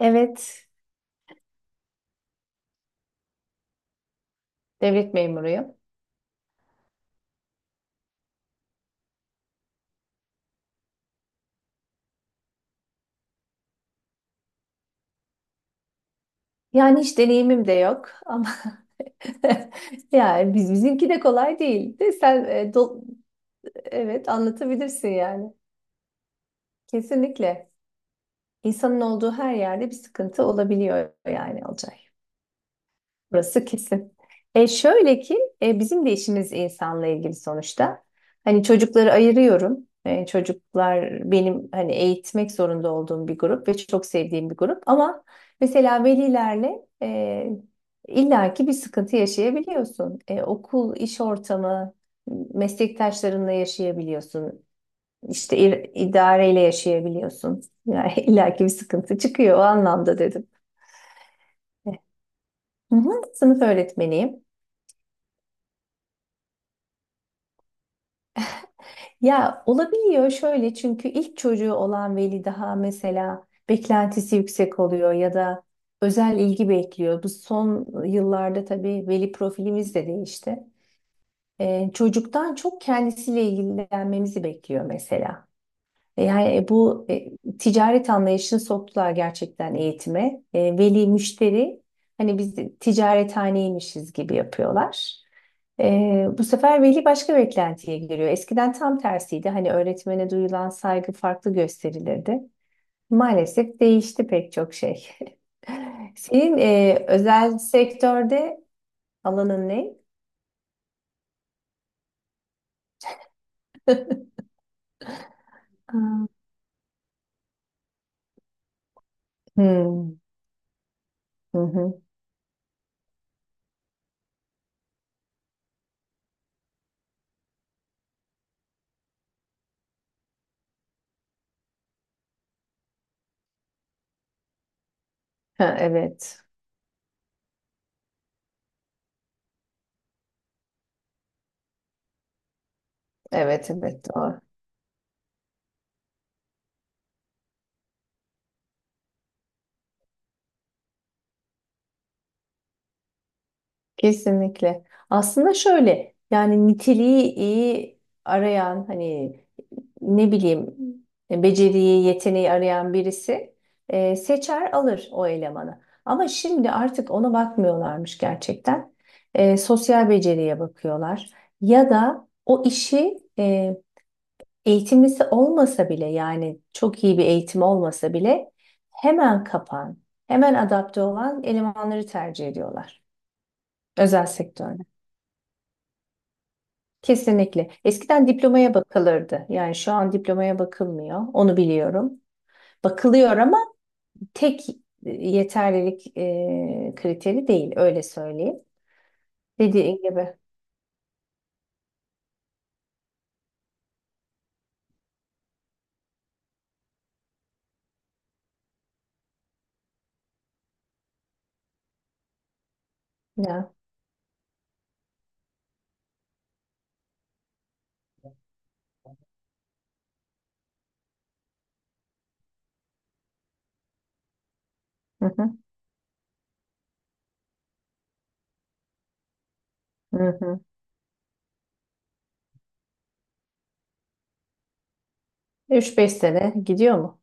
Evet, devlet memuruyum. Yani hiç deneyimim de yok ama yani bizimki de kolay değil. De sen evet anlatabilirsin yani. Kesinlikle. İnsanın olduğu her yerde bir sıkıntı olabiliyor yani olacak. Burası kesin. Şöyle ki bizim de işimiz insanla ilgili sonuçta. Hani çocukları ayırıyorum. Çocuklar benim hani eğitmek zorunda olduğum bir grup ve çok sevdiğim bir grup. Ama mesela velilerle illaki bir sıkıntı yaşayabiliyorsun. Okul, iş ortamı, meslektaşlarınla yaşayabiliyorsun. İşte idareyle yaşayabiliyorsun. Yani illaki bir sıkıntı çıkıyor o anlamda dedim. E, Hı hı, sınıf öğretmeniyim. Ya olabiliyor şöyle çünkü ilk çocuğu olan veli daha mesela beklentisi yüksek oluyor ya da özel ilgi bekliyor. Bu son yıllarda tabii veli profilimiz de değişti. Çocuktan çok kendisiyle ilgilenmemizi bekliyor mesela. Yani bu ticaret anlayışını soktular gerçekten eğitime. Veli müşteri, hani biz de ticarethaneymişiz gibi yapıyorlar. Bu sefer veli başka beklentiye giriyor. Eskiden tam tersiydi. Hani öğretmene duyulan saygı farklı gösterilirdi. Maalesef değişti pek çok şey. Senin özel sektörde alanın ne? Aa. Hmm. Hı hı. Ha, evet. Evet, evet. Doğru. Kesinlikle. Aslında şöyle yani niteliği iyi arayan, hani ne bileyim, beceriyi, yeteneği arayan birisi seçer alır o elemanı. Ama şimdi artık ona bakmıyorlarmış gerçekten. Sosyal beceriye bakıyorlar. Ya da o işi eğitimlisi olmasa bile, yani çok iyi bir eğitim olmasa bile, hemen kapan, hemen adapte olan elemanları tercih ediyorlar özel sektörde. Kesinlikle. Eskiden diplomaya bakılırdı. Yani şu an diplomaya bakılmıyor. Onu biliyorum. Bakılıyor ama tek yeterlilik kriteri değil. Öyle söyleyeyim. Dediğin gibi. Ya. Hı hı. Hı hı. 3-5 sene gidiyor mu?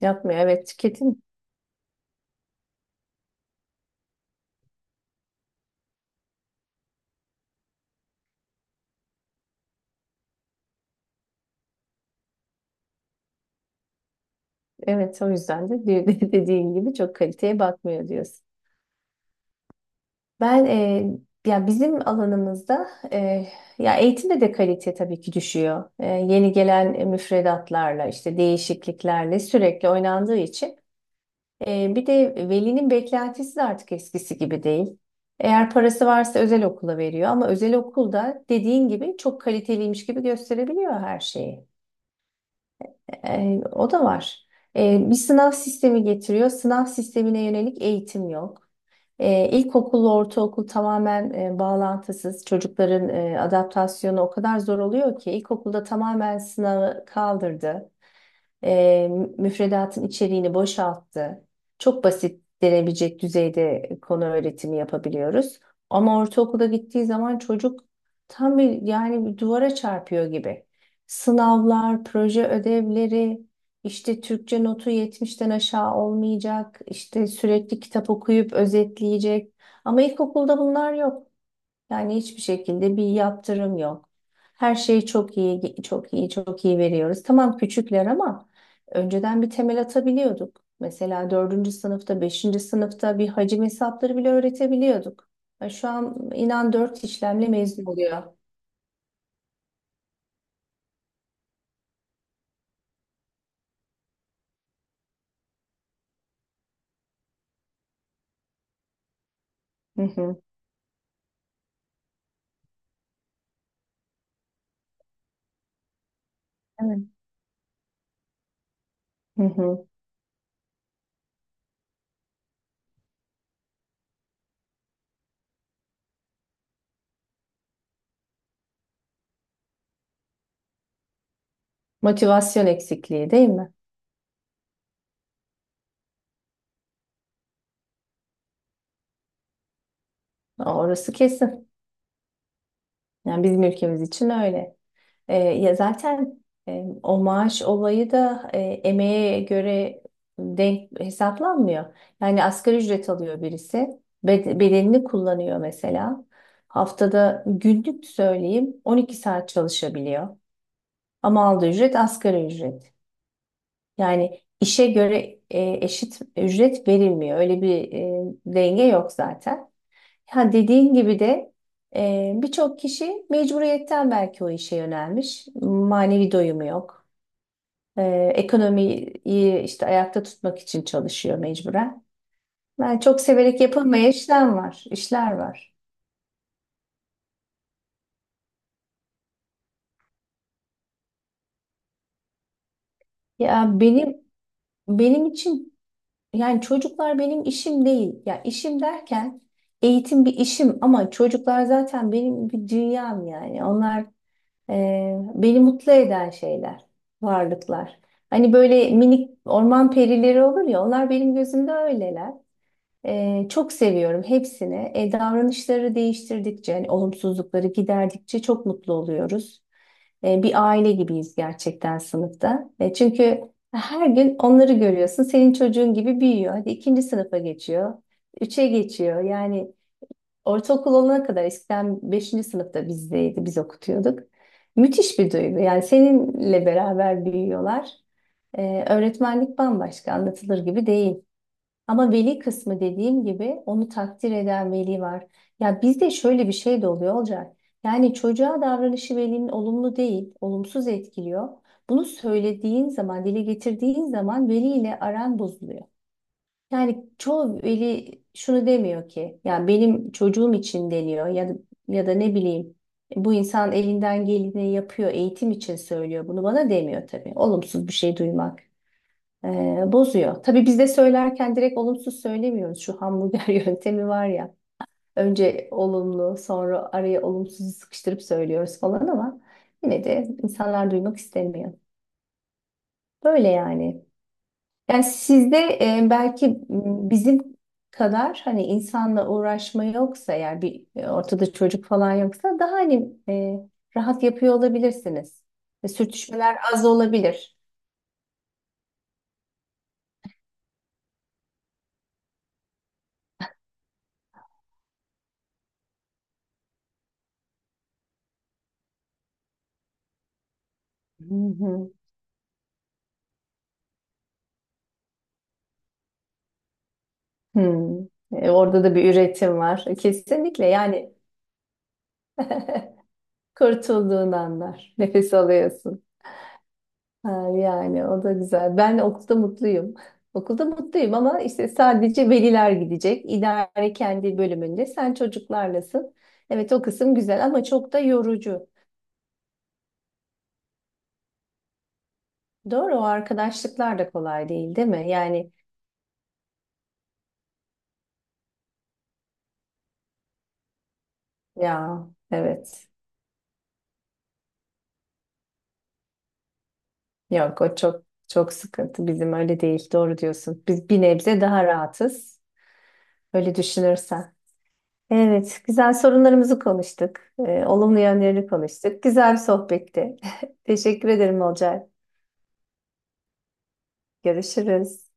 Yapmıyor. Evet, tüketim. Evet, o yüzden de dediğin gibi çok kaliteye bakmıyor diyorsun. Ben ya bizim alanımızda ya eğitimde de kalite tabii ki düşüyor. Yeni gelen müfredatlarla, işte değişikliklerle sürekli oynandığı için, bir de velinin beklentisi de artık eskisi gibi değil. Eğer parası varsa özel okula veriyor, ama özel okulda dediğin gibi çok kaliteliymiş gibi gösterebiliyor her şeyi. O da var. Bir sınav sistemi getiriyor. Sınav sistemine yönelik eğitim yok. İlkokul, ortaokul tamamen bağlantısız. Çocukların adaptasyonu o kadar zor oluyor ki ilkokulda tamamen sınavı kaldırdı. E, Müfredatın içeriğini boşalttı. Çok basit denebilecek düzeyde konu öğretimi yapabiliyoruz. Ama ortaokula gittiği zaman çocuk tam bir, yani bir duvara çarpıyor gibi. Sınavlar, proje ödevleri, işte Türkçe notu yetmişten aşağı olmayacak, işte sürekli kitap okuyup özetleyecek. Ama ilkokulda bunlar yok. Yani hiçbir şekilde bir yaptırım yok. Her şeyi çok iyi, çok iyi, çok iyi veriyoruz. Tamam küçükler, ama önceden bir temel atabiliyorduk. Mesela dördüncü sınıfta, beşinci sınıfta bir hacim hesapları bile öğretebiliyorduk. Ya şu an inan dört işlemle mezun oluyor. Hı hı. Evet. Hı hı. Motivasyon eksikliği değil mi? Orası kesin. Yani bizim ülkemiz için öyle. Ya zaten o maaş olayı da emeğe göre denk hesaplanmıyor. Yani asgari ücret alıyor birisi, bedenini kullanıyor mesela. Haftada günlük söyleyeyim 12 saat çalışabiliyor. Ama aldığı ücret asgari ücret. Yani işe göre eşit ücret verilmiyor. Öyle bir denge yok zaten. Ya dediğin gibi de birçok kişi mecburiyetten belki o işe yönelmiş. Manevi doyumu yok. E, Ekonomiyi işte ayakta tutmak için çalışıyor mecburen. Yani çok severek yapılmayan işler var. Ya benim için yani çocuklar benim işim değil. Ya işim derken eğitim bir işim, ama çocuklar zaten benim bir dünyam yani. Onlar, beni mutlu eden şeyler, varlıklar. Hani böyle minik orman perileri olur ya, onlar benim gözümde öyleler. Çok seviyorum hepsini. Davranışları değiştirdikçe, hani olumsuzlukları giderdikçe çok mutlu oluyoruz. Bir aile gibiyiz gerçekten sınıfta. Çünkü her gün onları görüyorsun. Senin çocuğun gibi büyüyor. Hadi ikinci sınıfa geçiyor. Üçe geçiyor. Yani ortaokul olana kadar, eskiden beşinci sınıfta bizdeydi, biz okutuyorduk. Müthiş bir duygu. Yani seninle beraber büyüyorlar. Öğretmenlik bambaşka, anlatılır gibi değil. Ama veli kısmı dediğim gibi, onu takdir eden veli var. Ya bizde şöyle bir şey de oluyor, olacak. Yani çocuğa davranışı velinin olumlu değil, olumsuz etkiliyor. Bunu söylediğin zaman, dile getirdiğin zaman veliyle aran bozuluyor. Yani çoğu veli şunu demiyor ki ya benim çocuğum için deniyor, ya da, ya da ne bileyim bu insan elinden geleni yapıyor eğitim için söylüyor, bunu bana demiyor tabii. Olumsuz bir şey duymak bozuyor. Tabii biz de söylerken direkt olumsuz söylemiyoruz. Şu hamburger yöntemi var ya, önce olumlu sonra araya olumsuzu sıkıştırıp söylüyoruz falan, ama yine de insanlar duymak istemiyor. Böyle yani. Yani sizde belki bizim kadar hani insanla uğraşma yoksa, eğer bir ortada çocuk falan yoksa, daha hani rahat yapıyor olabilirsiniz. Sürtüşmeler az olabilir. Hı hı. Hmm. Orada da bir üretim var. Kesinlikle yani kurtulduğun anlar. Nefes alıyorsun. Ha, yani o da güzel. Ben okulda mutluyum. Okulda mutluyum, ama işte sadece veliler gidecek. İdare kendi bölümünde. Sen çocuklarlasın. Evet, o kısım güzel ama çok da yorucu. Doğru, o arkadaşlıklar da kolay değil, değil mi? Yani ya evet. Yok, o çok çok sıkıntı. Bizim öyle değil. Doğru diyorsun. Biz bir nebze daha rahatız. Öyle düşünürsen. Evet, güzel sorunlarımızı konuştuk. Olumlu yönlerini konuştuk. Güzel bir sohbetti. Teşekkür ederim Olcay. Görüşürüz.